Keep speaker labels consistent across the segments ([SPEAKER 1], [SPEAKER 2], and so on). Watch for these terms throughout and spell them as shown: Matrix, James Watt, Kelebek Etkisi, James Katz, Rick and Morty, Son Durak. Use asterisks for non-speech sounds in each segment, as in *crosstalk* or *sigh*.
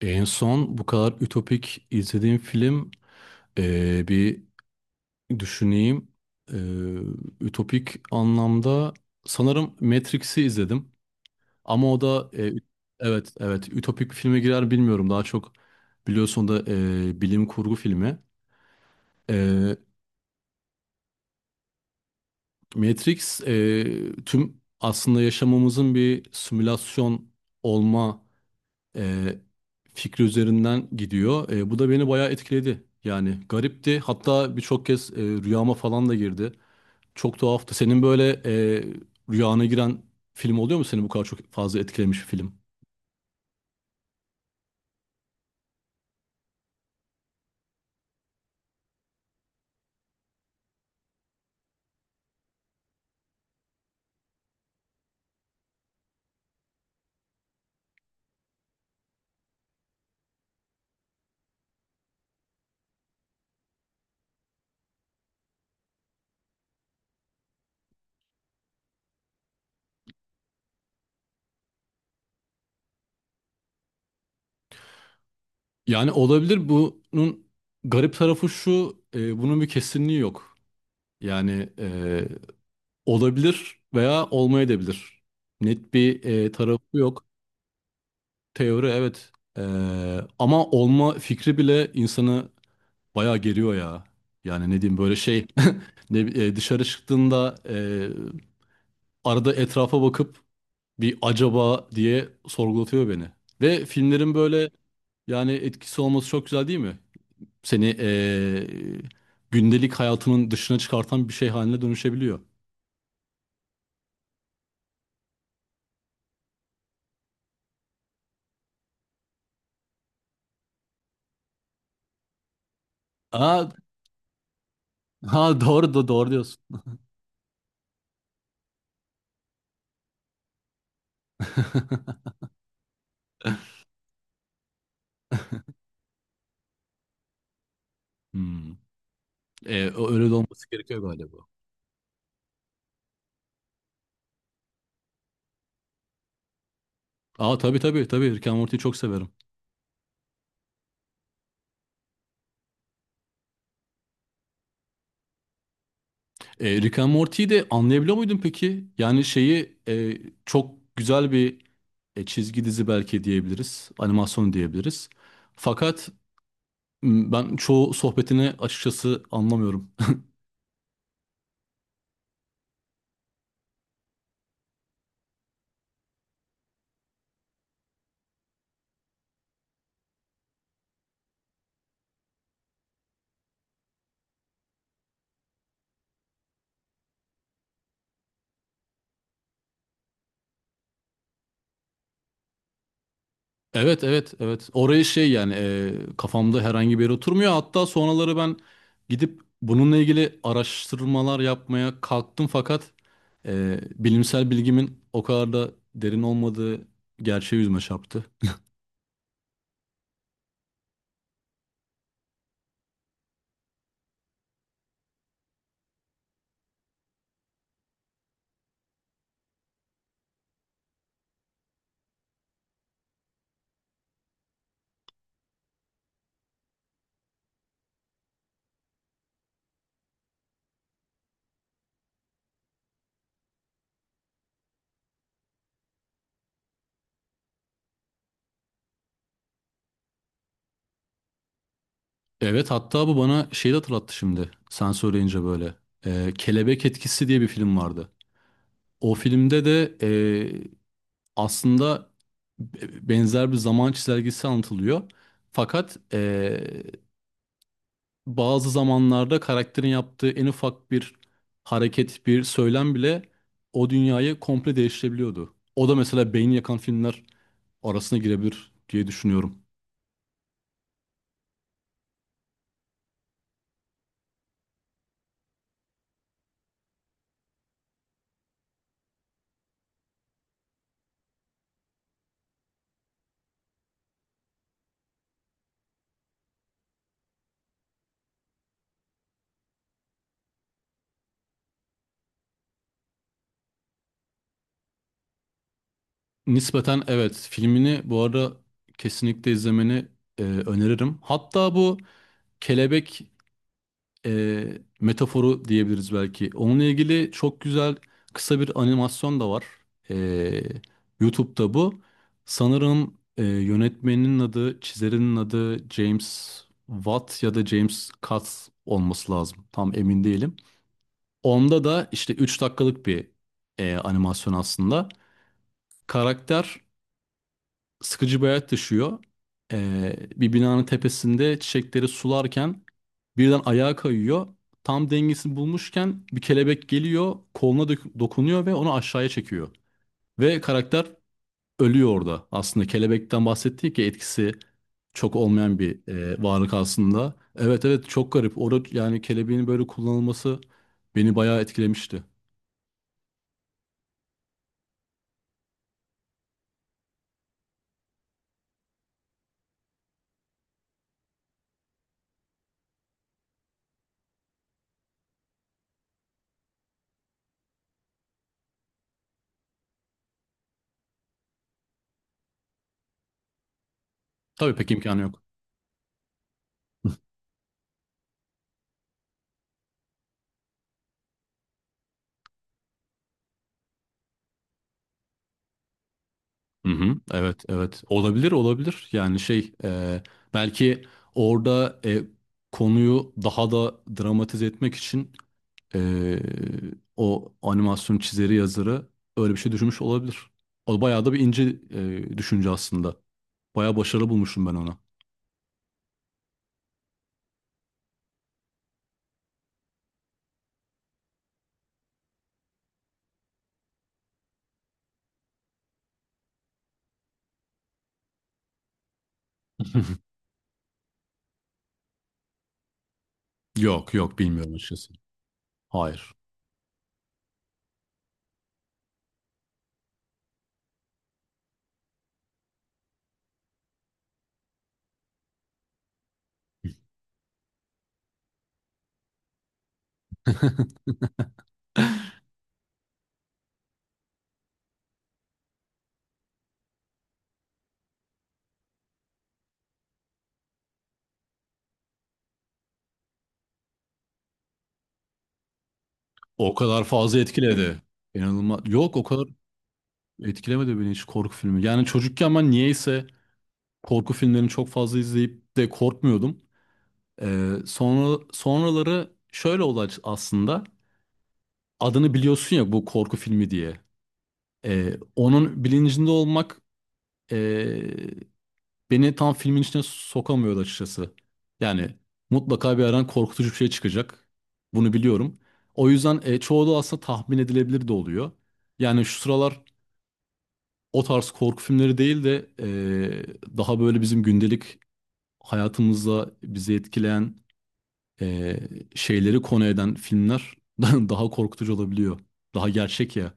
[SPEAKER 1] En son bu kadar ütopik izlediğim film bir düşüneyim. Eee, ütopik anlamda sanırım Matrix'i izledim. Ama o da evet evet ütopik filme girer bilmiyorum. Daha çok biliyorsun da bilim kurgu filmi. Eee, Matrix tüm aslında yaşamımızın bir simülasyon olma e, fikri üzerinden gidiyor. Bu da beni bayağı etkiledi. Yani garipti. Hatta birçok kez rüyama falan da girdi. Çok tuhaftı. Senin böyle rüyana giren film oluyor mu? Seni bu kadar çok fazla etkilemiş bir film. Yani olabilir. Bunun garip tarafı şu. Bunun bir kesinliği yok. Yani olabilir veya olmayabilir. Net bir tarafı yok. Teori evet. E, Ama olma fikri bile insanı bayağı geriyor ya. Yani ne diyeyim böyle şey *laughs* dışarı çıktığında arada etrafa bakıp bir acaba diye sorgulatıyor beni. Ve filmlerin böyle yani etkisi olması çok güzel değil mi? Seni gündelik hayatının dışına çıkartan bir şey haline dönüşebiliyor. Aa, ha doğru da doğru diyorsun. *laughs* Hmm. E, Öyle de olması gerekiyor galiba. Aa, tabii tabii tabii, Rick and Morty'yi çok severim. Rick and Morty'yi de anlayabiliyor muydun peki? Yani şeyi çok güzel bir çizgi dizi belki diyebiliriz. Animasyon diyebiliriz. Fakat ben çoğu sohbetini açıkçası anlamıyorum. *laughs* Evet evet evet. Oraya şey yani kafamda herhangi bir yere oturmuyor. Hatta sonraları ben gidip bununla ilgili araştırmalar yapmaya kalktım fakat bilimsel bilgimin o kadar da derin olmadığı gerçeği yüzüme çarptı. Evet, hatta bu bana şeyi de hatırlattı şimdi. Sen söyleyince böyle. Kelebek Etkisi diye bir film vardı. O filmde de aslında benzer bir zaman çizelgesi anlatılıyor. Fakat bazı zamanlarda karakterin yaptığı en ufak bir hareket, bir söylem bile o dünyayı komple değiştirebiliyordu. O da mesela beyin yakan filmler arasına girebilir diye düşünüyorum. Nispeten evet, filmini bu arada kesinlikle izlemeni öneririm. Hatta bu kelebek metaforu diyebiliriz belki. Onunla ilgili çok güzel kısa bir animasyon da var. E, YouTube'da bu. Sanırım yönetmeninin adı, çizerinin adı James Watt ya da James Katz olması lazım. Tam emin değilim. Onda da işte 3 dakikalık bir animasyon aslında. Karakter sıkıcı bir hayat yaşıyor. Bir binanın tepesinde çiçekleri sularken birden ayağa kayıyor. Tam dengesini bulmuşken bir kelebek geliyor, koluna dokunuyor ve onu aşağıya çekiyor. Ve karakter ölüyor orada. Aslında kelebekten bahsettik ya, etkisi çok olmayan bir varlık aslında. Evet evet, çok garip. Orada yani kelebeğin böyle kullanılması beni bayağı etkilemişti. Tabii pek imkanı yok. Hı hı, evet evet olabilir olabilir yani şey belki orada konuyu daha da dramatize etmek için e, o animasyon çizeri yazarı öyle bir şey düşünmüş olabilir. O bayağı da bir ince düşünce aslında. Bayağı başarılı bulmuşum ben ona. *laughs* Yok yok, bilmiyorum açıkçası. Hayır. O kadar fazla etkiledi. İnanılmaz. Yok, o kadar etkilemedi beni hiç korku filmi. Yani çocukken ben niyeyse korku filmlerini çok fazla izleyip de korkmuyordum. Sonra sonraları şöyle oldu aslında. Adını biliyorsun ya bu korku filmi diye. Onun bilincinde olmak ee, beni tam filmin içine sokamıyordu açıkçası. Yani mutlaka bir yerden korkutucu bir şey çıkacak. Bunu biliyorum. O yüzden çoğu da aslında tahmin edilebilir de oluyor. Yani şu sıralar o tarz korku filmleri değil de daha böyle bizim gündelik hayatımızda bizi etkileyen e, şeyleri konu eden filmler *laughs* daha korkutucu olabiliyor. Daha gerçek ya.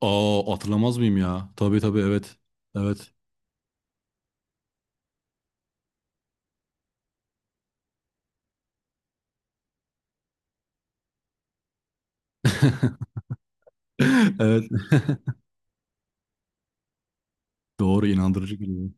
[SPEAKER 1] Aa, hatırlamaz mıyım ya? Tabii tabii, evet. Evet. *laughs* Evet. *laughs* Doğru, inandırıcı geliyor.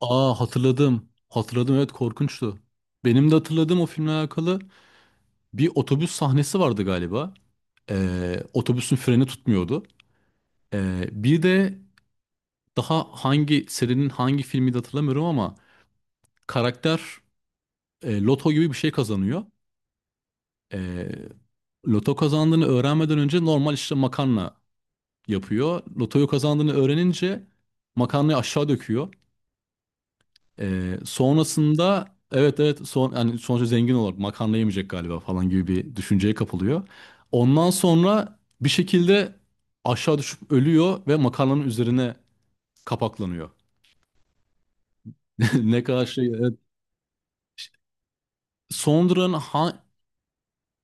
[SPEAKER 1] Aa, hatırladım. Hatırladım, evet, korkunçtu. Benim de hatırladığım o filmle alakalı bir otobüs sahnesi vardı galiba. Otobüsün freni tutmuyordu. Bir de daha hangi serinin hangi filmi de hatırlamıyorum ama karakter loto gibi bir şey kazanıyor. E, Loto kazandığını öğrenmeden önce normal işte makarna yapıyor. Lotoyu kazandığını öğrenince makarnayı aşağı döküyor. Sonrasında evet evet son, yani sonuçta zengin olarak makarna yemeyecek galiba falan gibi bir düşünceye kapılıyor. Ondan sonra bir şekilde aşağı düşüp ölüyor ve makarnanın üzerine kapaklanıyor. *laughs* Ne kadar şey, evet. Sondra'nın ha.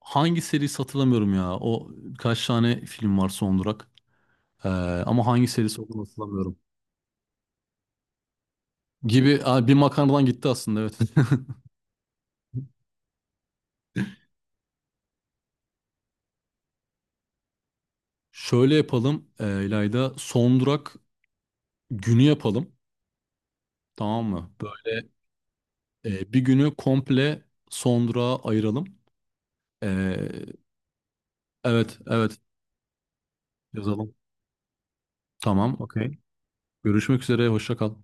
[SPEAKER 1] Hangi serisi hatırlamıyorum ya. O, kaç tane film var son durak. Ee, Ama hangi serisi olduğunu hatırlamıyorum. Gibi. Aa, bir makarnadan gitti aslında, evet. *laughs* Şöyle yapalım İlayda. Son durak günü yapalım. Tamam mı? Böyle bir günü komple son durağa ayıralım. Ee, evet evet yazalım. Tamam okey. Görüşmek üzere, hoşça kal.